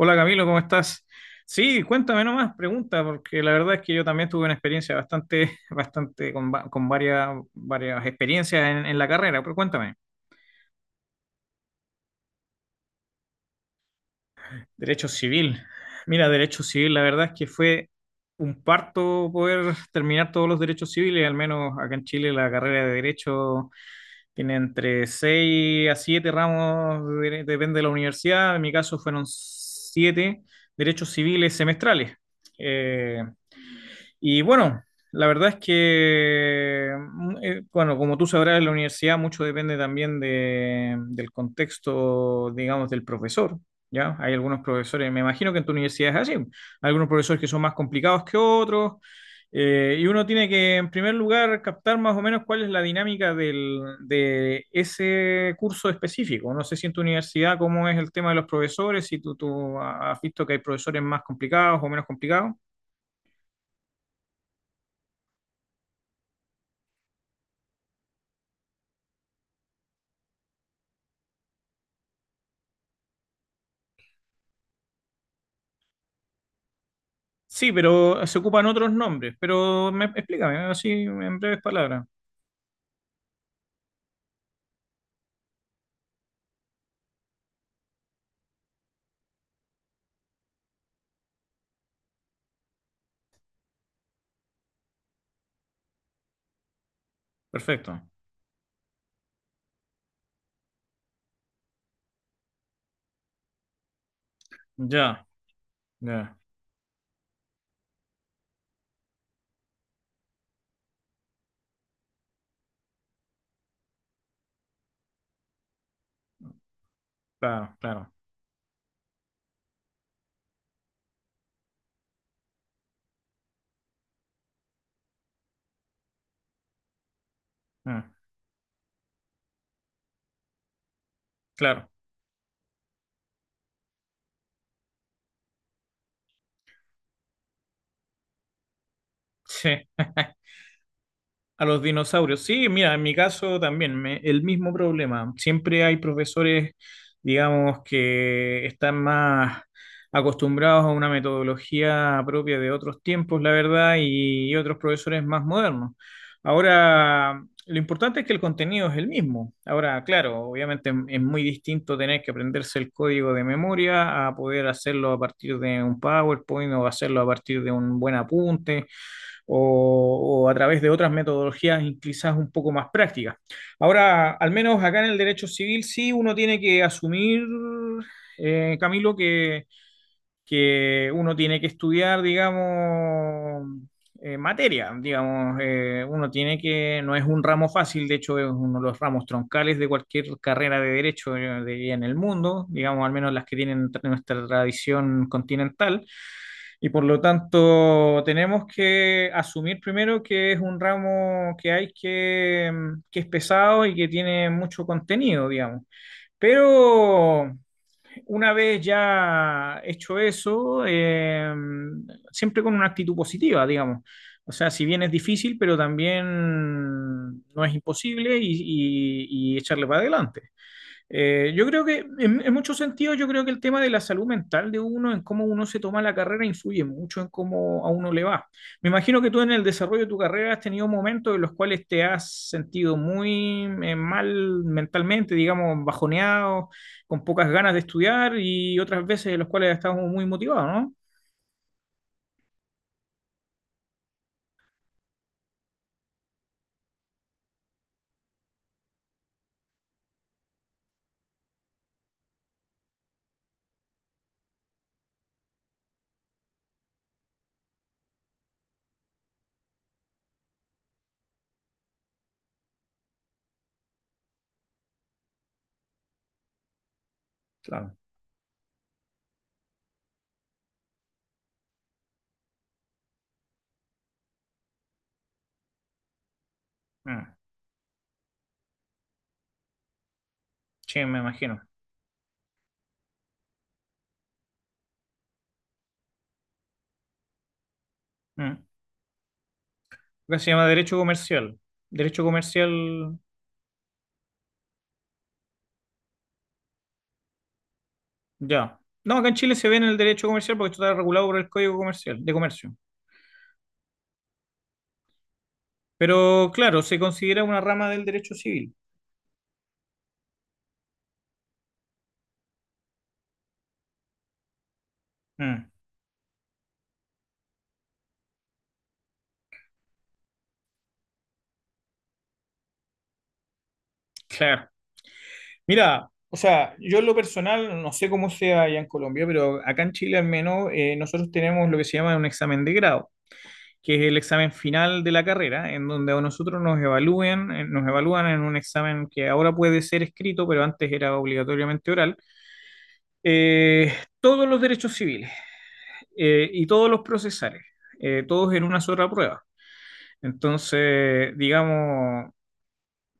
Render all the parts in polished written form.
Hola Camilo, ¿cómo estás? Sí, cuéntame nomás, pregunta, porque la verdad es que yo también tuve una experiencia bastante, bastante con varias, varias experiencias en la carrera, pero cuéntame. Derecho civil. Mira, derecho civil, la verdad es que fue un parto poder terminar todos los derechos civiles, al menos acá en Chile la carrera de derecho tiene entre 6 a siete ramos, depende de la universidad, en mi caso fueron 7 derechos civiles semestrales. Eh, Y bueno, la verdad es que, bueno, como tú sabrás, en la universidad mucho depende también del contexto, digamos, del profesor, ¿ya? Hay algunos profesores, me imagino que en tu universidad es así, hay algunos profesores que son más complicados que otros, y uno tiene que, en primer lugar, captar más o menos cuál es la dinámica de ese curso específico. No sé si en tu universidad cómo es el tema de los profesores, si tú has visto que hay profesores más complicados o menos complicados. Sí, pero se ocupan otros nombres. Pero me, explícame, así en breves palabras. Perfecto. Ya, ya, claro, claro. Ah, claro. Sí. A los dinosaurios. Sí, mira, en mi caso también, el mismo problema. Siempre hay profesores, digamos, que están más acostumbrados a una metodología propia de otros tiempos, la verdad, y otros profesores más modernos. Ahora, lo importante es que el contenido es el mismo. Ahora, claro, obviamente es muy distinto tener que aprenderse el código de memoria a poder hacerlo a partir de un PowerPoint o hacerlo a partir de un buen apunte o a través de otras metodologías quizás un poco más prácticas. Ahora, al menos acá en el derecho civil sí uno tiene que asumir, Camilo, que uno tiene que estudiar, digamos, materia, digamos, uno tiene que, no es un ramo fácil, de hecho es uno de los ramos troncales de cualquier carrera de derecho en el mundo, digamos, al menos las que tienen nuestra tradición continental, y por lo tanto, tenemos que asumir primero que es un ramo que hay que es pesado y que tiene mucho contenido, digamos. Pero una vez ya hecho eso, siempre con una actitud positiva, digamos. O sea, si bien es difícil, pero también no es imposible y echarle para adelante. Yo creo que en muchos sentidos, yo creo que el tema de la salud mental de uno, en cómo uno se toma la carrera, influye mucho en cómo a uno le va. Me imagino que tú en el desarrollo de tu carrera has tenido momentos en los cuales te has sentido muy mal mentalmente, digamos, bajoneado, con pocas ganas de estudiar y otras veces en los cuales has estado muy motivado, ¿no? Claro. Mm, sí, me imagino. Mm. Acá se llama derecho comercial. Derecho comercial. Ya. No, acá en Chile se ve en el derecho comercial porque esto está regulado por el Código Comercial, de Comercio. Pero claro, se considera una rama del derecho civil. Mm, claro. Mira, o sea, yo en lo personal, no sé cómo sea allá en Colombia, pero acá en Chile al menos nosotros tenemos lo que se llama un examen de grado, que es el examen final de la carrera, en donde a nosotros nos evalúen, nos evalúan en un examen que ahora puede ser escrito, pero antes era obligatoriamente oral, eh, todos los derechos civiles. Y todos los procesales, todos en una sola prueba. Entonces, digamos,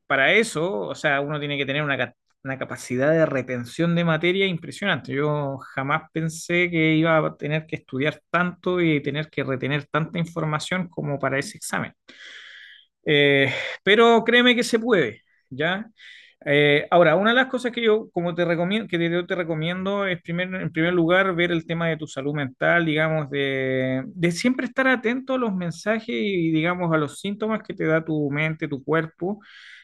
para eso, o sea, uno tiene que tener una, una capacidad de retención de materia impresionante. Yo jamás pensé que iba a tener que estudiar tanto y tener que retener tanta información como para ese examen. Eh, pero créeme que se puede, ¿ya? Ahora, una de las cosas que yo como te recomiendo, yo te recomiendo es en primer lugar ver el tema de tu salud mental, digamos, de siempre estar atento a los mensajes y digamos a los síntomas que te da tu mente, tu cuerpo.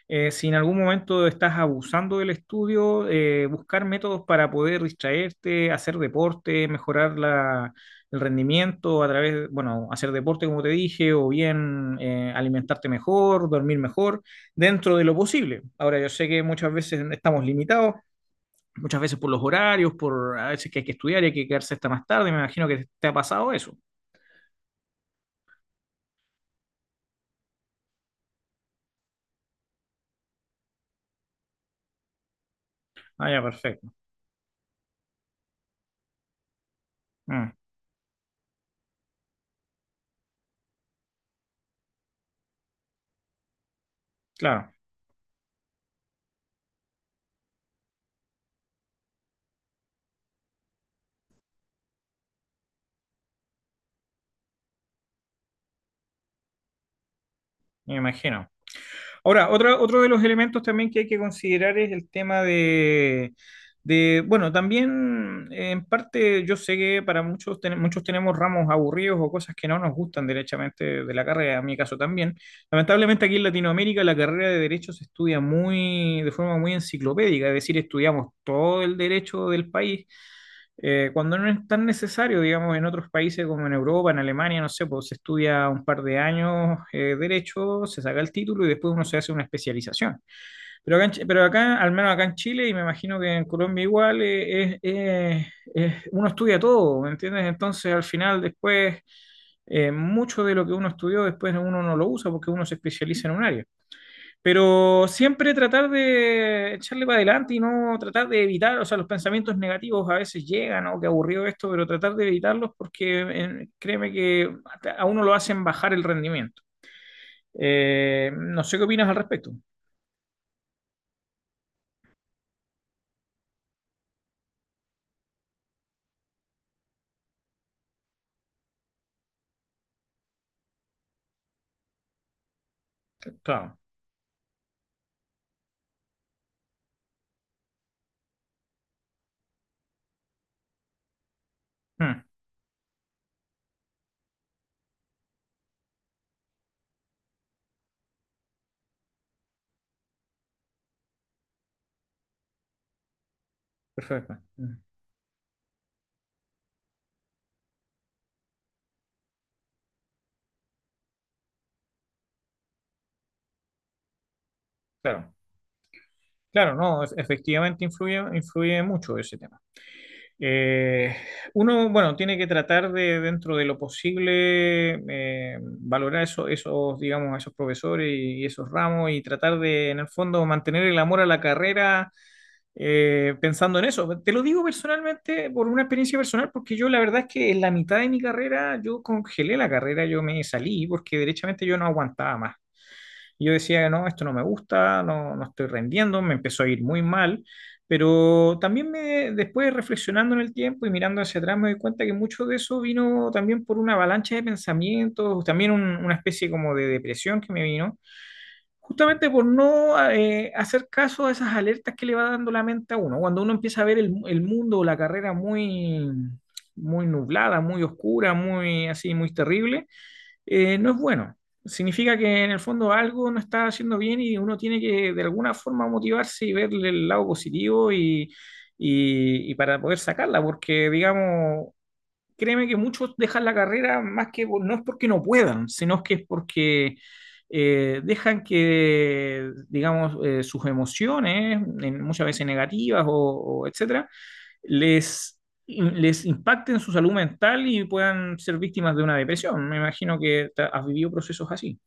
Si en algún momento estás abusando del estudio, buscar métodos para poder distraerte, hacer deporte, mejorar el rendimiento a través, de, bueno, hacer deporte, como te dije, o bien alimentarte mejor, dormir mejor, dentro de lo posible. Ahora, yo sé que muchas veces estamos limitados, muchas veces por los horarios, por a veces que hay que estudiar y hay que quedarse hasta más tarde, me imagino que te ha pasado eso. Ah, ya, perfecto. Mm, claro, me imagino. Ahora, otra, otro de los elementos también que hay que considerar es el tema de, bueno, también en parte yo sé que para muchos, muchos tenemos ramos aburridos o cosas que no nos gustan derechamente de la carrera, en mi caso también. Lamentablemente aquí en Latinoamérica la carrera de derecho se estudia muy, de forma muy enciclopédica, es decir, estudiamos todo el derecho del país cuando no es tan necesario, digamos, en otros países como en Europa, en Alemania, no sé, pues se estudia un par de años derecho, se saca el título y después uno se hace una especialización. Pero pero acá, al menos acá en Chile, y me imagino que en Colombia igual, uno estudia todo, ¿me entiendes? Entonces, al final, después, mucho de lo que uno estudió, después uno no lo usa porque uno se especializa en un área. Pero siempre tratar de echarle para adelante y no tratar de evitar, o sea, los pensamientos negativos a veces llegan, o qué aburrido esto, pero tratar de evitarlos porque créeme que a uno lo hacen bajar el rendimiento. No sé qué opinas al respecto. Claro. Mm, perfecto. Mm, claro, claro, no, efectivamente influye, influye mucho ese tema. Eh, Uno, bueno, tiene que tratar de, dentro de lo posible, valorar esos, digamos, a esos profesores y esos ramos y tratar de, en el fondo, mantener el amor a la carrera pensando en eso. Te lo digo personalmente, por una experiencia personal, porque yo la verdad es que en la mitad de mi carrera yo congelé la carrera, yo me salí porque derechamente yo no aguantaba más. Y yo decía, no, esto no me gusta, no, no estoy rendiendo, me empezó a ir muy mal, pero también me, después reflexionando en el tiempo y mirando hacia atrás me doy cuenta que mucho de eso vino también por una avalancha de pensamientos, también una especie como de depresión que me vino. Justamente por no hacer caso a esas alertas que le va dando la mente a uno. Cuando uno empieza a ver el mundo o la carrera muy, muy nublada, muy oscura, muy así, muy terrible, no es bueno. Significa que en el fondo algo no está haciendo bien y uno tiene que de alguna forma motivarse y verle el lado positivo y para poder sacarla, porque digamos, créeme que muchos dejan la carrera más que no es porque no puedan, sino que es porque dejan que, digamos, sus emociones, muchas veces negativas o etcétera, les, les impacte en su salud mental y puedan ser víctimas de una depresión. Me imagino que has vivido procesos así.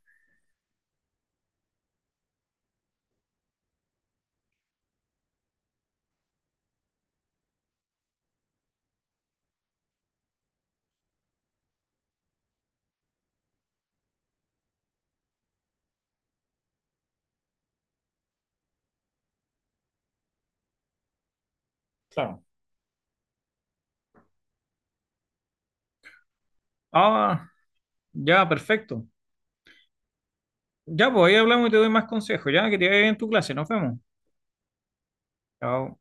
Claro. Ah, ya, perfecto. Ya, pues ahí hablamos y te doy más consejos. Ya, que te vaya bien en tu clase. Nos vemos. Chao.